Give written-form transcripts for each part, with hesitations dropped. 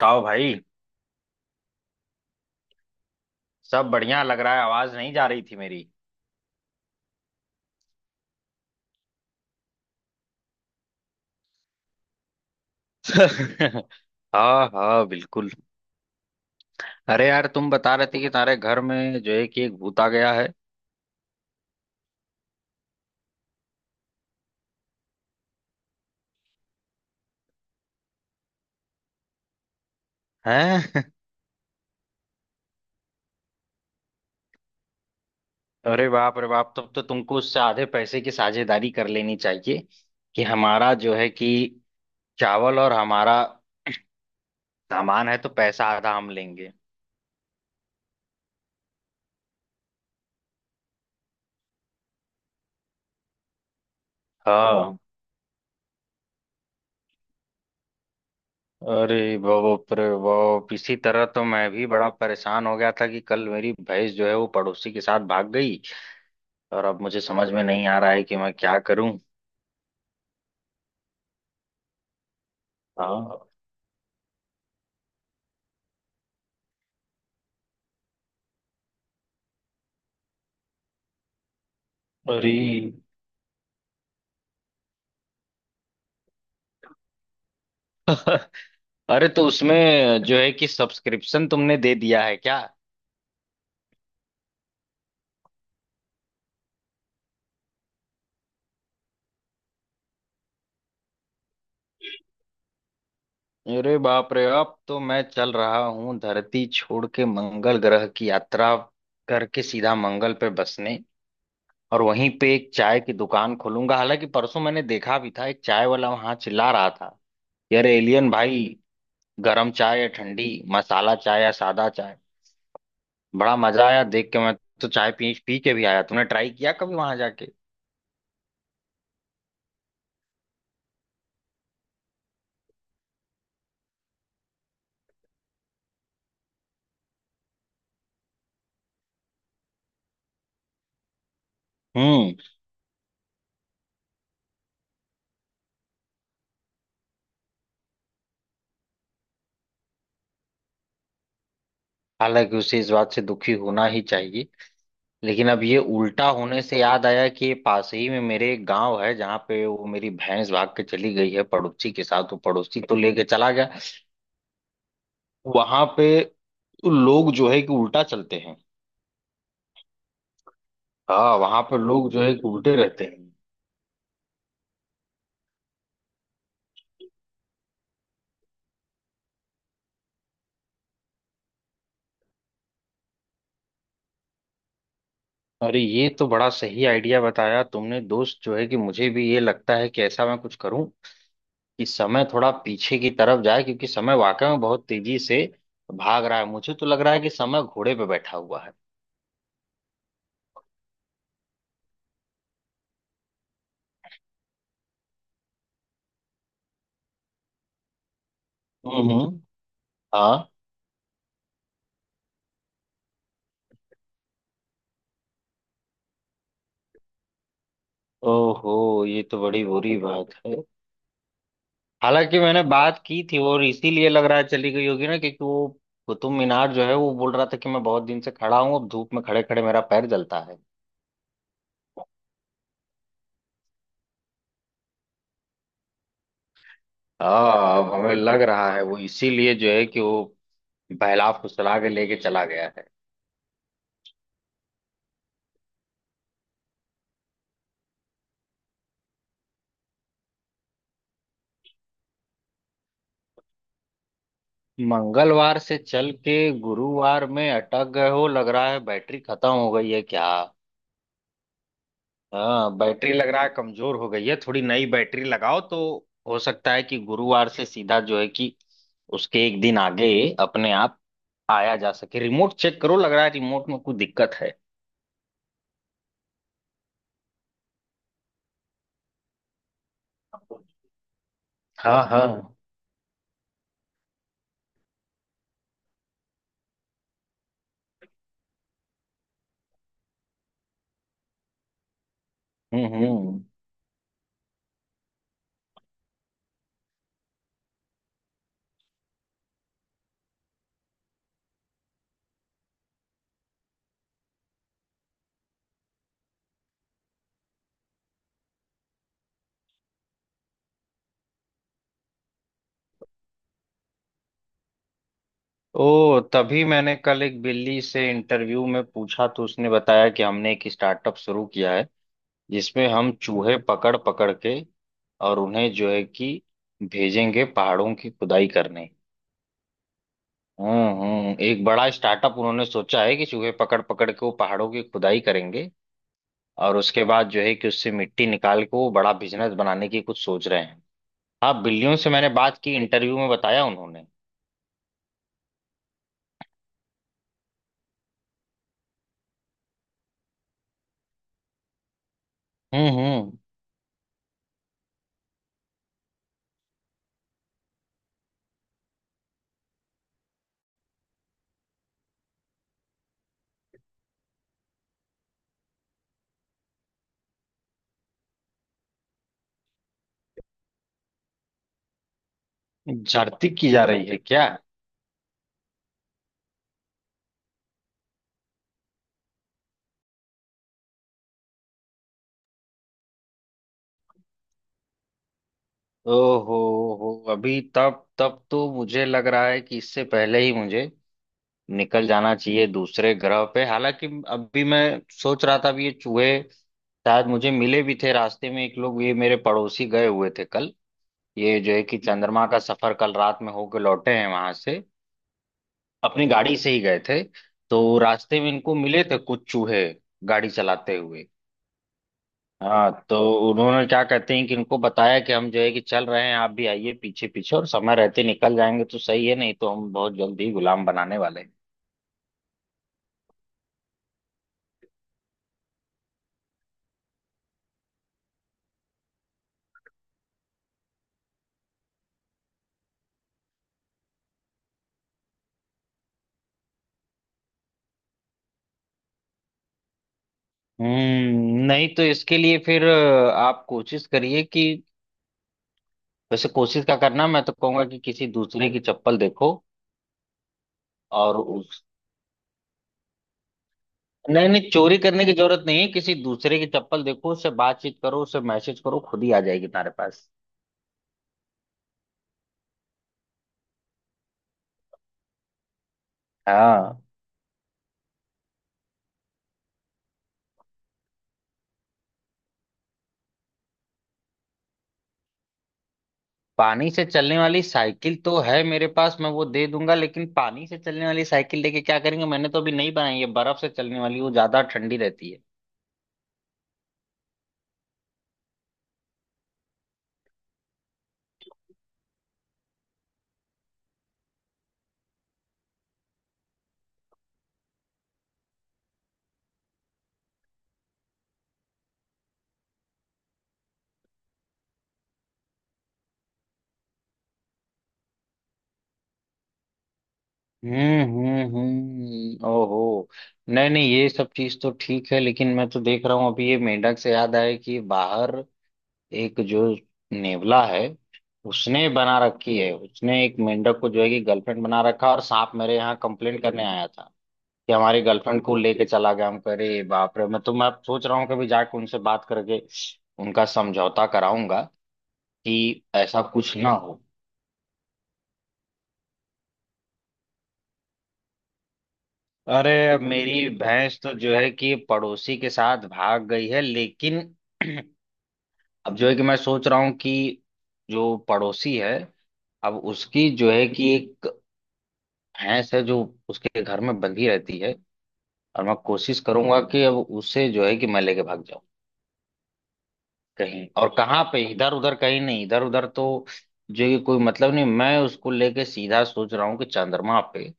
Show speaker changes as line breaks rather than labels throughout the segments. बताओ भाई। सब बढ़िया। लग रहा है आवाज नहीं जा रही थी मेरी। हाँ हाँ बिल्कुल। अरे यार, तुम बता रहे थे कि तुम्हारे घर में जो है कि एक भूत आ गया है। हैं? अरे बाप रे बाप, तब तो तुमको उससे आधे पैसे की साझेदारी कर लेनी चाहिए कि हमारा जो है कि चावल और हमारा सामान है तो पैसा आधा हम लेंगे। हाँ। अरे बाप रे बाप, इसी तरह तो मैं भी बड़ा परेशान हो गया था कि कल मेरी भैंस जो है वो पड़ोसी के साथ भाग गई। और अब मुझे समझ में नहीं आ रहा है कि मैं क्या करूं। हाँ। अरे अरे, तो उसमें जो है कि सब्सक्रिप्शन तुमने दे दिया है क्या? अरे बाप रे, अब तो मैं चल रहा हूँ धरती छोड़ के मंगल ग्रह की यात्रा करके सीधा मंगल पे बसने। और वहीं पे एक चाय की दुकान खोलूंगा। हालांकि परसों मैंने देखा भी था, एक चाय वाला वहां चिल्ला रहा था, यार एलियन भाई, गरम चाय या ठंडी, मसाला चाय या सादा चाय। बड़ा मजा आया देख के मैं तो चाय पी पी के भी आया। तुमने ट्राई किया कभी वहां जाके? हम्म। हालांकि उसे इस बात से दुखी होना ही चाहिए। लेकिन अब ये उल्टा होने से याद आया कि ये पास ही में मेरे एक गांव है जहाँ पे वो मेरी भैंस भाग के चली गई है पड़ोसी के साथ, वो पड़ोसी तो लेके चला गया। वहां पे लोग जो है कि उल्टा चलते हैं। हाँ, वहां पर लोग जो है कि उल्टे रहते हैं। अरे ये तो बड़ा सही आइडिया बताया तुमने दोस्त, जो है कि मुझे भी ये लगता है कि ऐसा मैं कुछ करूं कि समय थोड़ा पीछे की तरफ जाए। क्योंकि समय वाकई में बहुत तेजी से भाग रहा है, मुझे तो लग रहा है कि समय घोड़े पे बैठा हुआ है। हम्म। हम्म। हाँ। ओहो, ये तो बड़ी बुरी बात है। हालांकि मैंने बात की थी और इसीलिए लग रहा है चली गई होगी ना, क्योंकि वो कुतुब मीनार जो है वो बोल रहा था कि मैं बहुत दिन से खड़ा हूँ, अब धूप में खड़े खड़े मेरा पैर जलता है। हाँ, अब हमें लग रहा है वो इसीलिए जो है कि वो बहला फुसला के लेके चला गया है। मंगलवार से चल के गुरुवार में अटक गए हो, लग रहा है बैटरी खत्म हो गई है क्या? हाँ, बैटरी लग रहा है कमजोर हो गई है, थोड़ी नई बैटरी लगाओ तो हो सकता है कि गुरुवार से सीधा जो है कि उसके एक दिन आगे अपने आप आया जा सके। रिमोट चेक करो, लग रहा है रिमोट में कुछ दिक्कत है। हाँ हाँ। हम्म। ओ, तभी मैंने कल एक दिल्ली से इंटरव्यू में पूछा तो उसने बताया कि हमने एक स्टार्टअप शुरू किया है जिसमें हम चूहे पकड़ पकड़ के और उन्हें जो है कि भेजेंगे पहाड़ों की खुदाई करने। हम्म, एक बड़ा स्टार्टअप उन्होंने सोचा है कि चूहे पकड़ पकड़ के वो पहाड़ों की खुदाई करेंगे। और उसके बाद जो है कि उससे मिट्टी निकाल के वो बड़ा बिजनेस बनाने की कुछ सोच रहे हैं। हाँ, बिल्लियों से मैंने बात की, इंटरव्यू में बताया उन्होंने। हम्म। भर्ती की जा रही है क्या? ओहो, हो, अभी तब तब तो मुझे लग रहा है कि इससे पहले ही मुझे निकल जाना चाहिए दूसरे ग्रह पे। हालांकि अभी मैं सोच रहा था भी ये चूहे शायद मुझे मिले भी थे रास्ते में। एक लोग ये मेरे पड़ोसी गए हुए थे कल, ये जो है कि चंद्रमा का सफर कल रात में होके लौटे हैं वहां से। अपनी गाड़ी से ही गए थे। तो रास्ते में इनको मिले थे कुछ चूहे गाड़ी चलाते हुए। हाँ, तो उन्होंने क्या कहते हैं कि इनको बताया कि हम जो है कि चल रहे हैं, आप भी आइए पीछे पीछे और समय रहते निकल जाएंगे तो सही है, नहीं तो हम बहुत जल्दी गुलाम बनाने वाले हैं। हम्म, नहीं तो इसके लिए फिर आप कोशिश करिए कि, वैसे कोशिश का करना, मैं तो कहूंगा कि किसी दूसरे की चप्पल देखो। और उस, नहीं नहीं, चोरी करने की जरूरत नहीं है, किसी दूसरे की चप्पल देखो, उससे बातचीत करो, उससे मैसेज करो, खुद ही आ जाएगी तुम्हारे पास। हाँ। पानी से चलने वाली साइकिल तो है मेरे पास, मैं वो दे दूंगा, लेकिन पानी से चलने वाली साइकिल लेके क्या करेंगे? मैंने तो अभी नहीं बनाई है बर्फ से चलने वाली, वो ज्यादा ठंडी रहती है। ओहो, नहीं नहीं, ये सब चीज तो ठीक है, लेकिन मैं तो देख रहा हूँ अभी, ये मेंढक से याद आया कि बाहर एक जो नेवला है, उसने बना रखी है, उसने एक मेंढक को जो है कि गर्लफ्रेंड बना रखा, और सांप मेरे यहाँ कंप्लेन करने आया था कि हमारी गर्लफ्रेंड को लेके चला गया। हम करे, बाप रे, मैं तो मैं अब सोच रहा हूँ कभी जाके उनसे बात करके उनका समझौता कराऊंगा कि ऐसा कुछ ना हो। अरे, मेरी भैंस तो जो है कि पड़ोसी के साथ भाग गई है, लेकिन अब जो है कि मैं सोच रहा हूँ कि जो पड़ोसी है, अब उसकी जो है कि एक भैंस है जो उसके घर में बंधी रहती है। और मैं कोशिश करूंगा कि अब उसे जो है कि मैं लेके भाग जाऊं कहीं और। कहाँ पे इधर उधर? कहीं नहीं, इधर उधर तो जो है कि कोई मतलब नहीं। मैं उसको लेके सीधा सोच रहा हूँ कि चंद्रमा पे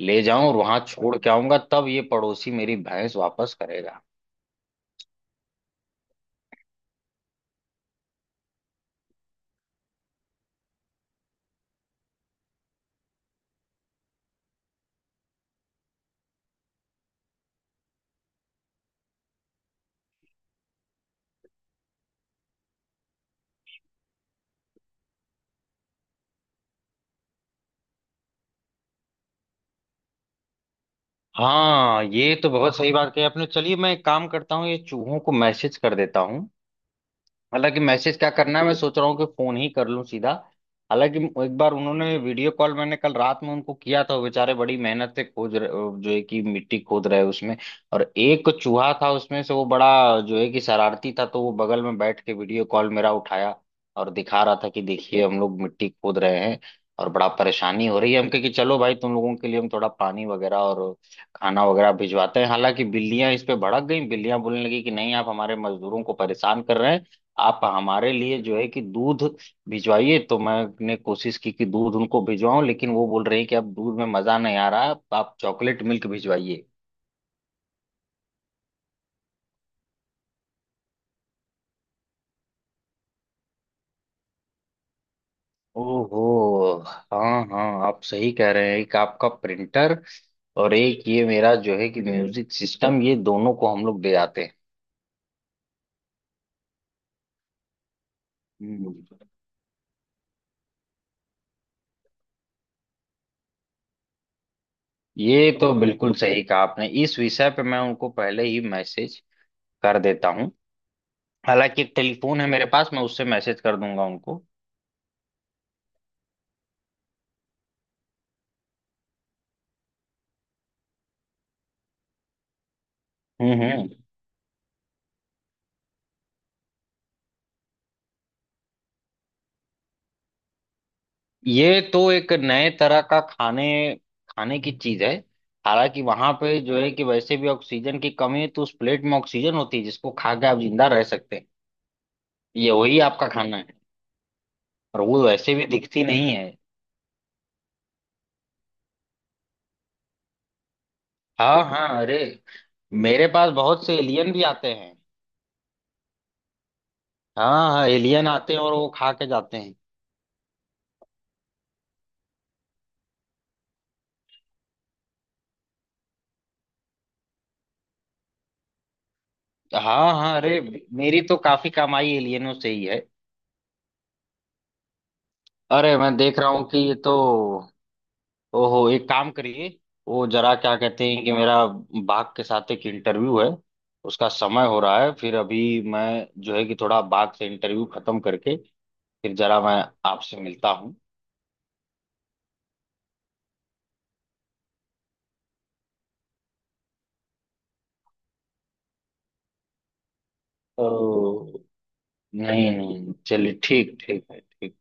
ले जाऊं और वहां छोड़ के आऊंगा, तब ये पड़ोसी मेरी भैंस वापस करेगा। हाँ ये तो बहुत सही बात कही आपने, चलिए मैं एक काम करता हूँ, ये चूहों को मैसेज कर देता हूँ। हालांकि मैसेज क्या करना है, मैं सोच रहा हूँ कि फोन ही कर लूं सीधा। हालांकि एक बार उन्होंने वीडियो कॉल, मैंने कल रात में उनको किया था, वो बेचारे बड़ी मेहनत से खोज रहे, जो है कि मिट्टी खोद रहे उसमें। और एक चूहा था उसमें से वो बड़ा जो है कि शरारती था, तो वो बगल में बैठ के वीडियो कॉल मेरा उठाया और दिखा रहा था कि देखिए हम लोग मिट्टी खोद रहे हैं और बड़ा परेशानी हो रही है। हम कहे कि चलो भाई, तुम लोगों के लिए हम थोड़ा पानी वगैरह और खाना वगैरह भिजवाते हैं। हालांकि बिल्लियां इस पे भड़क गई, बिल्लियां बोलने लगी कि नहीं, आप हमारे मजदूरों को परेशान कर रहे हैं, आप हमारे लिए जो है कि दूध भिजवाइए। तो मैंने कोशिश की कि दूध उनको भिजवाऊं, लेकिन वो बोल रहे हैं कि अब दूध में मजा नहीं आ रहा, आप चॉकलेट मिल्क भिजवाइए। ओहो, हाँ हाँ, आप सही कह रहे हैं, एक आपका प्रिंटर और एक ये मेरा जो है कि म्यूजिक सिस्टम, ये दोनों को हम लोग दे जाते हैं। हम्म, ये तो बिल्कुल सही कहा आपने, इस विषय पे मैं उनको पहले ही मैसेज कर देता हूँ। हालांकि एक टेलीफोन है मेरे पास, मैं उससे मैसेज कर दूंगा उनको। हम्म। ये तो एक नए तरह का खाने खाने की चीज है। हालांकि वहां पे जो है कि वैसे भी ऑक्सीजन की कमी है, तो उस प्लेट में ऑक्सीजन होती है जिसको खा के आप जिंदा रह सकते हैं। ये वही आपका खाना है। और वो वैसे भी दिखती नहीं है। हाँ हाँ, अरे, मेरे पास बहुत से एलियन भी आते हैं। हाँ हाँ, एलियन आते हैं और वो खा के जाते हैं। हाँ हाँ, अरे, मेरी तो काफी कमाई एलियनों से ही है। अरे मैं देख रहा हूँ कि ये तो, ओहो, एक काम करिए, वो जरा क्या कहते हैं कि मेरा बाघ के साथ एक इंटरव्यू है, उसका समय हो रहा है। फिर अभी मैं जो है कि थोड़ा बाघ से इंटरव्यू खत्म करके फिर जरा मैं आपसे मिलता हूँ। तो नहीं नहीं, चलिए ठीक, ठीक है, ठीक।